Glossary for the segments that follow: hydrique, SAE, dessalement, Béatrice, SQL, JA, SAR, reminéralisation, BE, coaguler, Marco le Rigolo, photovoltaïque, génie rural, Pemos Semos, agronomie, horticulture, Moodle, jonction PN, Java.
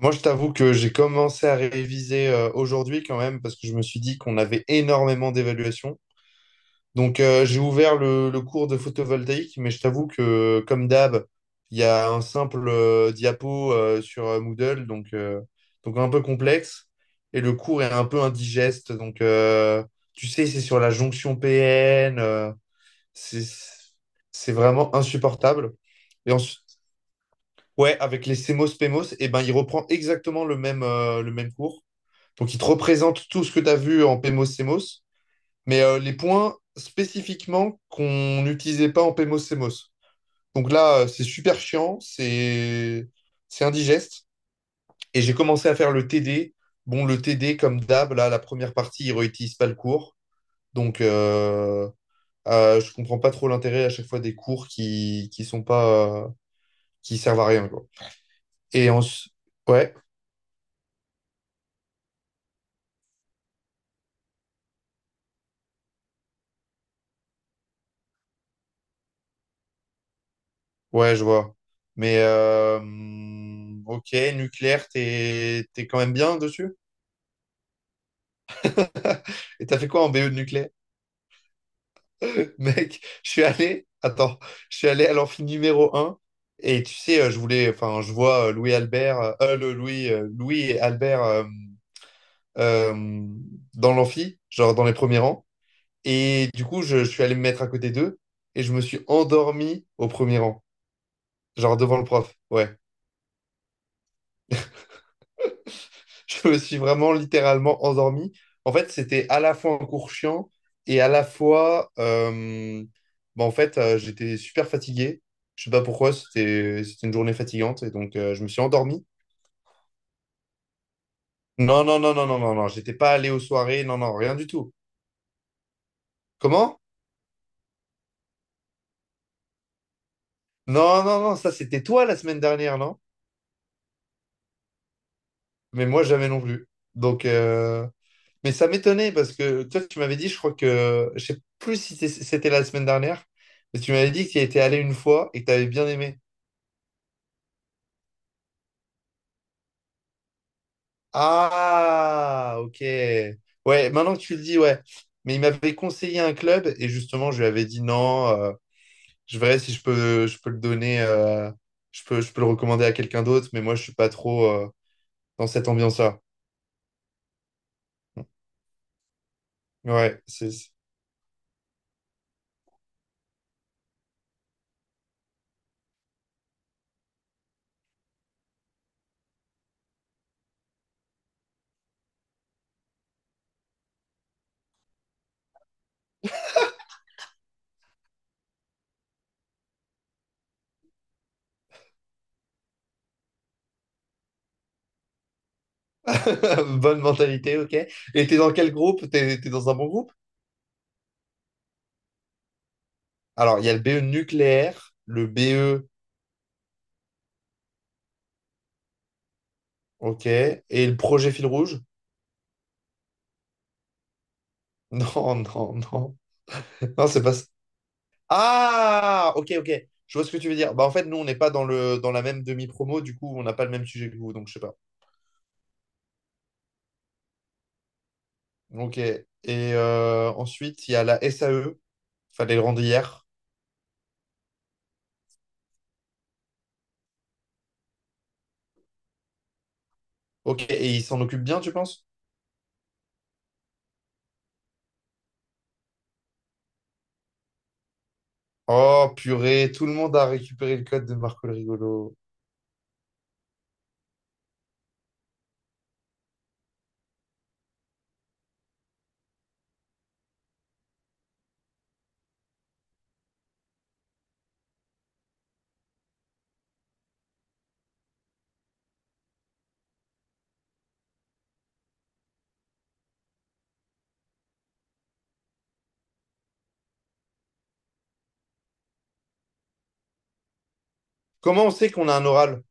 Moi, je t'avoue que j'ai commencé à réviser aujourd'hui quand même parce que je me suis dit qu'on avait énormément d'évaluations. Donc, j'ai ouvert le cours de photovoltaïque, mais je t'avoue que, comme d'hab, il y a un simple diapo sur Moodle, donc un peu complexe. Et le cours est un peu indigeste. Donc, tu sais, c'est sur la jonction PN. C'est, c'est vraiment insupportable. Et ensuite, ouais, avec les Semos Pemos, et ben, il reprend exactement le même cours. Donc, il te représente tout ce que tu as vu en Pemos Semos, mais les points spécifiquement qu'on n'utilisait pas en Pemos Semos. Donc là, c'est super chiant, c'est indigeste. Et j'ai commencé à faire le TD. Bon, le TD, comme d'hab, là, la première partie, il ne réutilise pas le cours. Donc, je comprends pas trop l'intérêt à chaque fois des cours qui sont pas qui servent à rien, quoi. Et en... ouais. Ouais, je vois. Mais ok, nucléaire, t'es quand même bien dessus. Et t'as fait quoi en BE de nucléaire? Mec, je suis allé, attends, je suis allé à l'amphi numéro 1. Et tu sais, je voulais, enfin, je vois Louis Albert, le Louis, Louis et Albert euh, dans l'amphi, genre dans les premiers rangs. Et du coup, je suis allé me mettre à côté d'eux et je me suis endormi au premier rang, genre devant le prof. Ouais. Je me suis vraiment littéralement endormi. En fait, c'était à la fois un cours chiant et à la fois, bah, en fait, j'étais super fatigué. Je sais pas pourquoi, c'était une journée fatigante et donc je me suis endormi. Non, non, non, non, non, non, non, j'étais pas allé aux soirées, non, non, rien du tout. Comment? Non, non, non, ça c'était toi la semaine dernière, non? Mais moi jamais non plus. Donc, mais ça m'étonnait parce que toi tu m'avais dit, je crois que, je sais plus si c'était la semaine dernière, mais tu m'avais dit que tu y étais allé une fois et que tu avais bien aimé. Ah, ok. Ouais, maintenant que tu le dis, ouais. Mais il m'avait conseillé un club et justement, je lui avais dit non, je verrai si je peux, je peux le donner, je peux le recommander à quelqu'un d'autre, mais moi, je suis pas trop dans cette ambiance-là. Ouais, c'est bonne mentalité, ok. Et t'es dans quel groupe? T'es dans un bon groupe? Alors, il y a le BE nucléaire, le BE, ok, et le projet fil rouge. Non, non, non. Non, c'est pas. Ah, ok, ok. Je vois ce que tu veux dire. Bah, en fait, nous, on n'est pas dans le, dans la même demi-promo, du coup, on n'a pas le même sujet que vous, donc je sais pas. Ok. Et ensuite, il y a la SAE. Fallait le rendre hier. Ok. Et ils s'en occupent bien, tu penses? Oh, purée, tout le monde a récupéré le code de Marco le Rigolo. Comment on sait qu'on a un oral?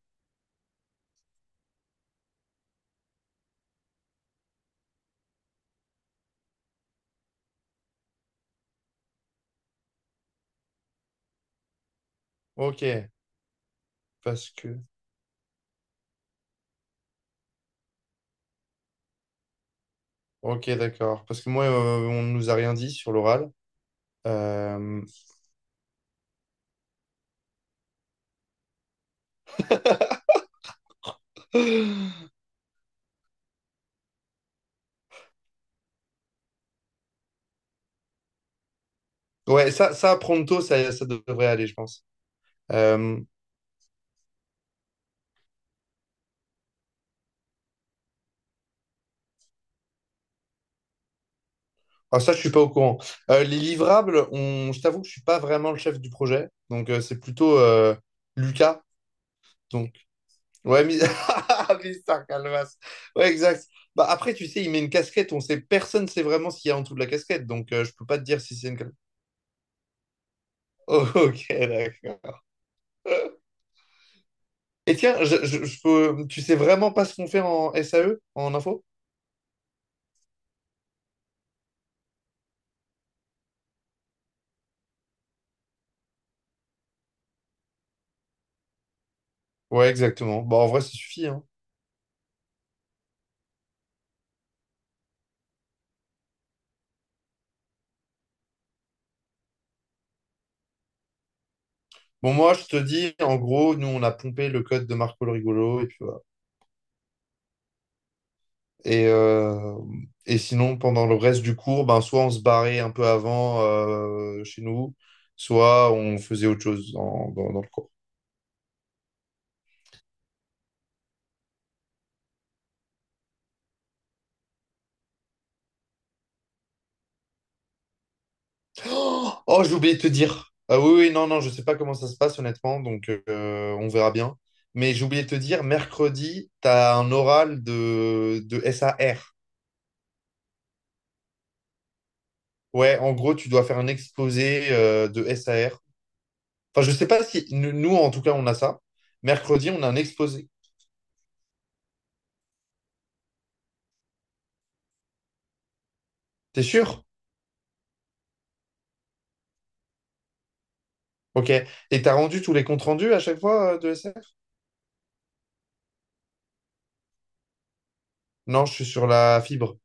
Ok. Parce que. Ok, d'accord. Parce que moi, on ne nous a rien dit sur l'oral. Euh, Ouais, ça, Pronto, ça devrait aller, je pense. Euh, Ah, ça, je suis pas au courant. Les livrables, je t'avoue que je suis pas vraiment le chef du projet. Donc, c'est plutôt Lucas. Donc, ouais, Mister Calvas. Ouais, exact. Bah, après, tu sais, il met une casquette. On sait, personne sait vraiment ce qu'il y a en dessous de la casquette. Donc, je peux pas te dire si c'est une casquette. Oh, ok, d'accord. Et tiens, tu sais vraiment pas ce qu'on fait en SAE, en info? Ouais, exactement. Bah, en vrai, ça suffit, hein. Bon, moi, je te dis, en gros, nous, on a pompé le code de Marco le Rigolo. Et puis, voilà. Et, euh, et sinon, pendant le reste du cours, ben, soit on se barrait un peu avant chez nous, soit on faisait autre chose dans le cours. Oh, oh, j'ai oublié de te dire. Ah oui, oui, non, non, je sais pas comment ça se passe honnêtement, donc on verra bien. Mais j'ai oublié de te dire, mercredi, tu as un oral de SAR. Ouais, en gros, tu dois faire un exposé de SAR. Enfin, je sais pas si nous, nous, en tout cas, on a ça. Mercredi, on a un exposé. T'es sûr? Ok. Et t'as rendu tous les comptes rendus à chaque fois de SF? Non, je suis sur la fibre.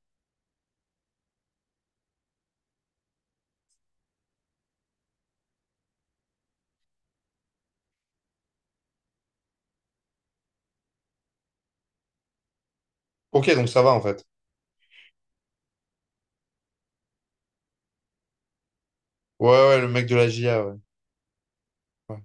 Ok, donc ça va en fait. Ouais, ouais, le mec de la JA, ouais. Ouais.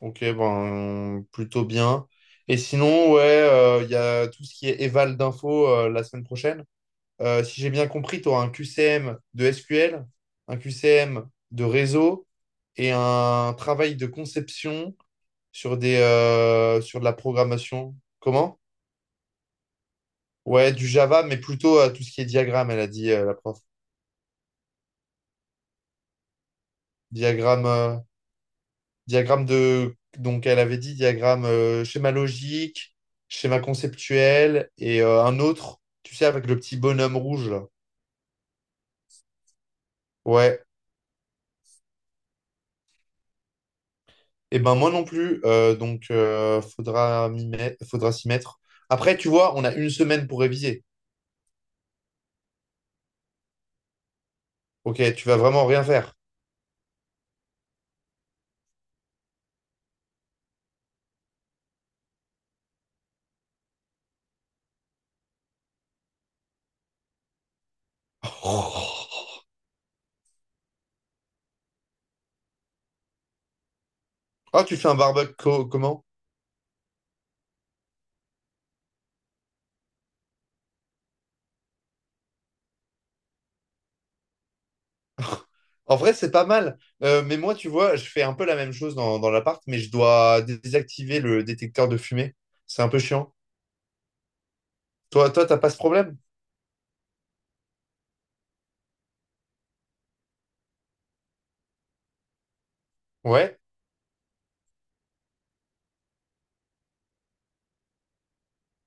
Ok, ben, plutôt bien. Et sinon, ouais, il y a tout ce qui est éval d'infos la semaine prochaine. Si j'ai bien compris, tu un QCM de SQL, un QCM de réseau et un travail de conception sur de la programmation. Comment? Ouais, du Java, mais plutôt tout ce qui est diagramme, elle a dit la prof. Diagramme, euh, diagramme de, donc elle avait dit diagramme schéma logique, schéma conceptuel et un autre, tu sais, avec le petit bonhomme rouge là. Ouais. Et ben moi non plus, donc faudra m'y mettre, faudra s'y mettre. Après, tu vois, on a une semaine pour réviser. Ok, tu vas vraiment rien faire. Ah, tu fais un barbecue comment? En vrai, c'est pas mal. Mais moi, tu vois, je fais un peu la même chose dans l'appart, mais je dois désactiver le détecteur de fumée. C'est un peu chiant. Toi, t'as pas ce problème? Ouais.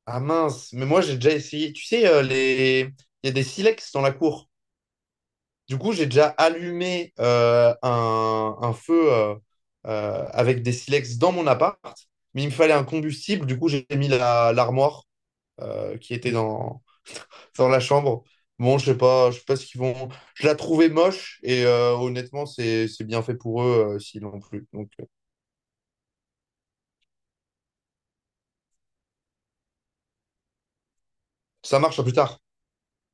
Ah mince, mais moi j'ai déjà essayé. Tu sais, il y a des silex dans la cour. Du coup, j'ai déjà allumé un feu avec des silex dans mon appart, mais il me fallait un combustible. Du coup, j'ai mis l'armoire qui était dans la chambre. Bon, je sais pas ce qu'ils vont. Je la trouvais moche et honnêtement, c'est bien fait pour eux s'ils l'ont plus. Donc, ça marche à plus tard.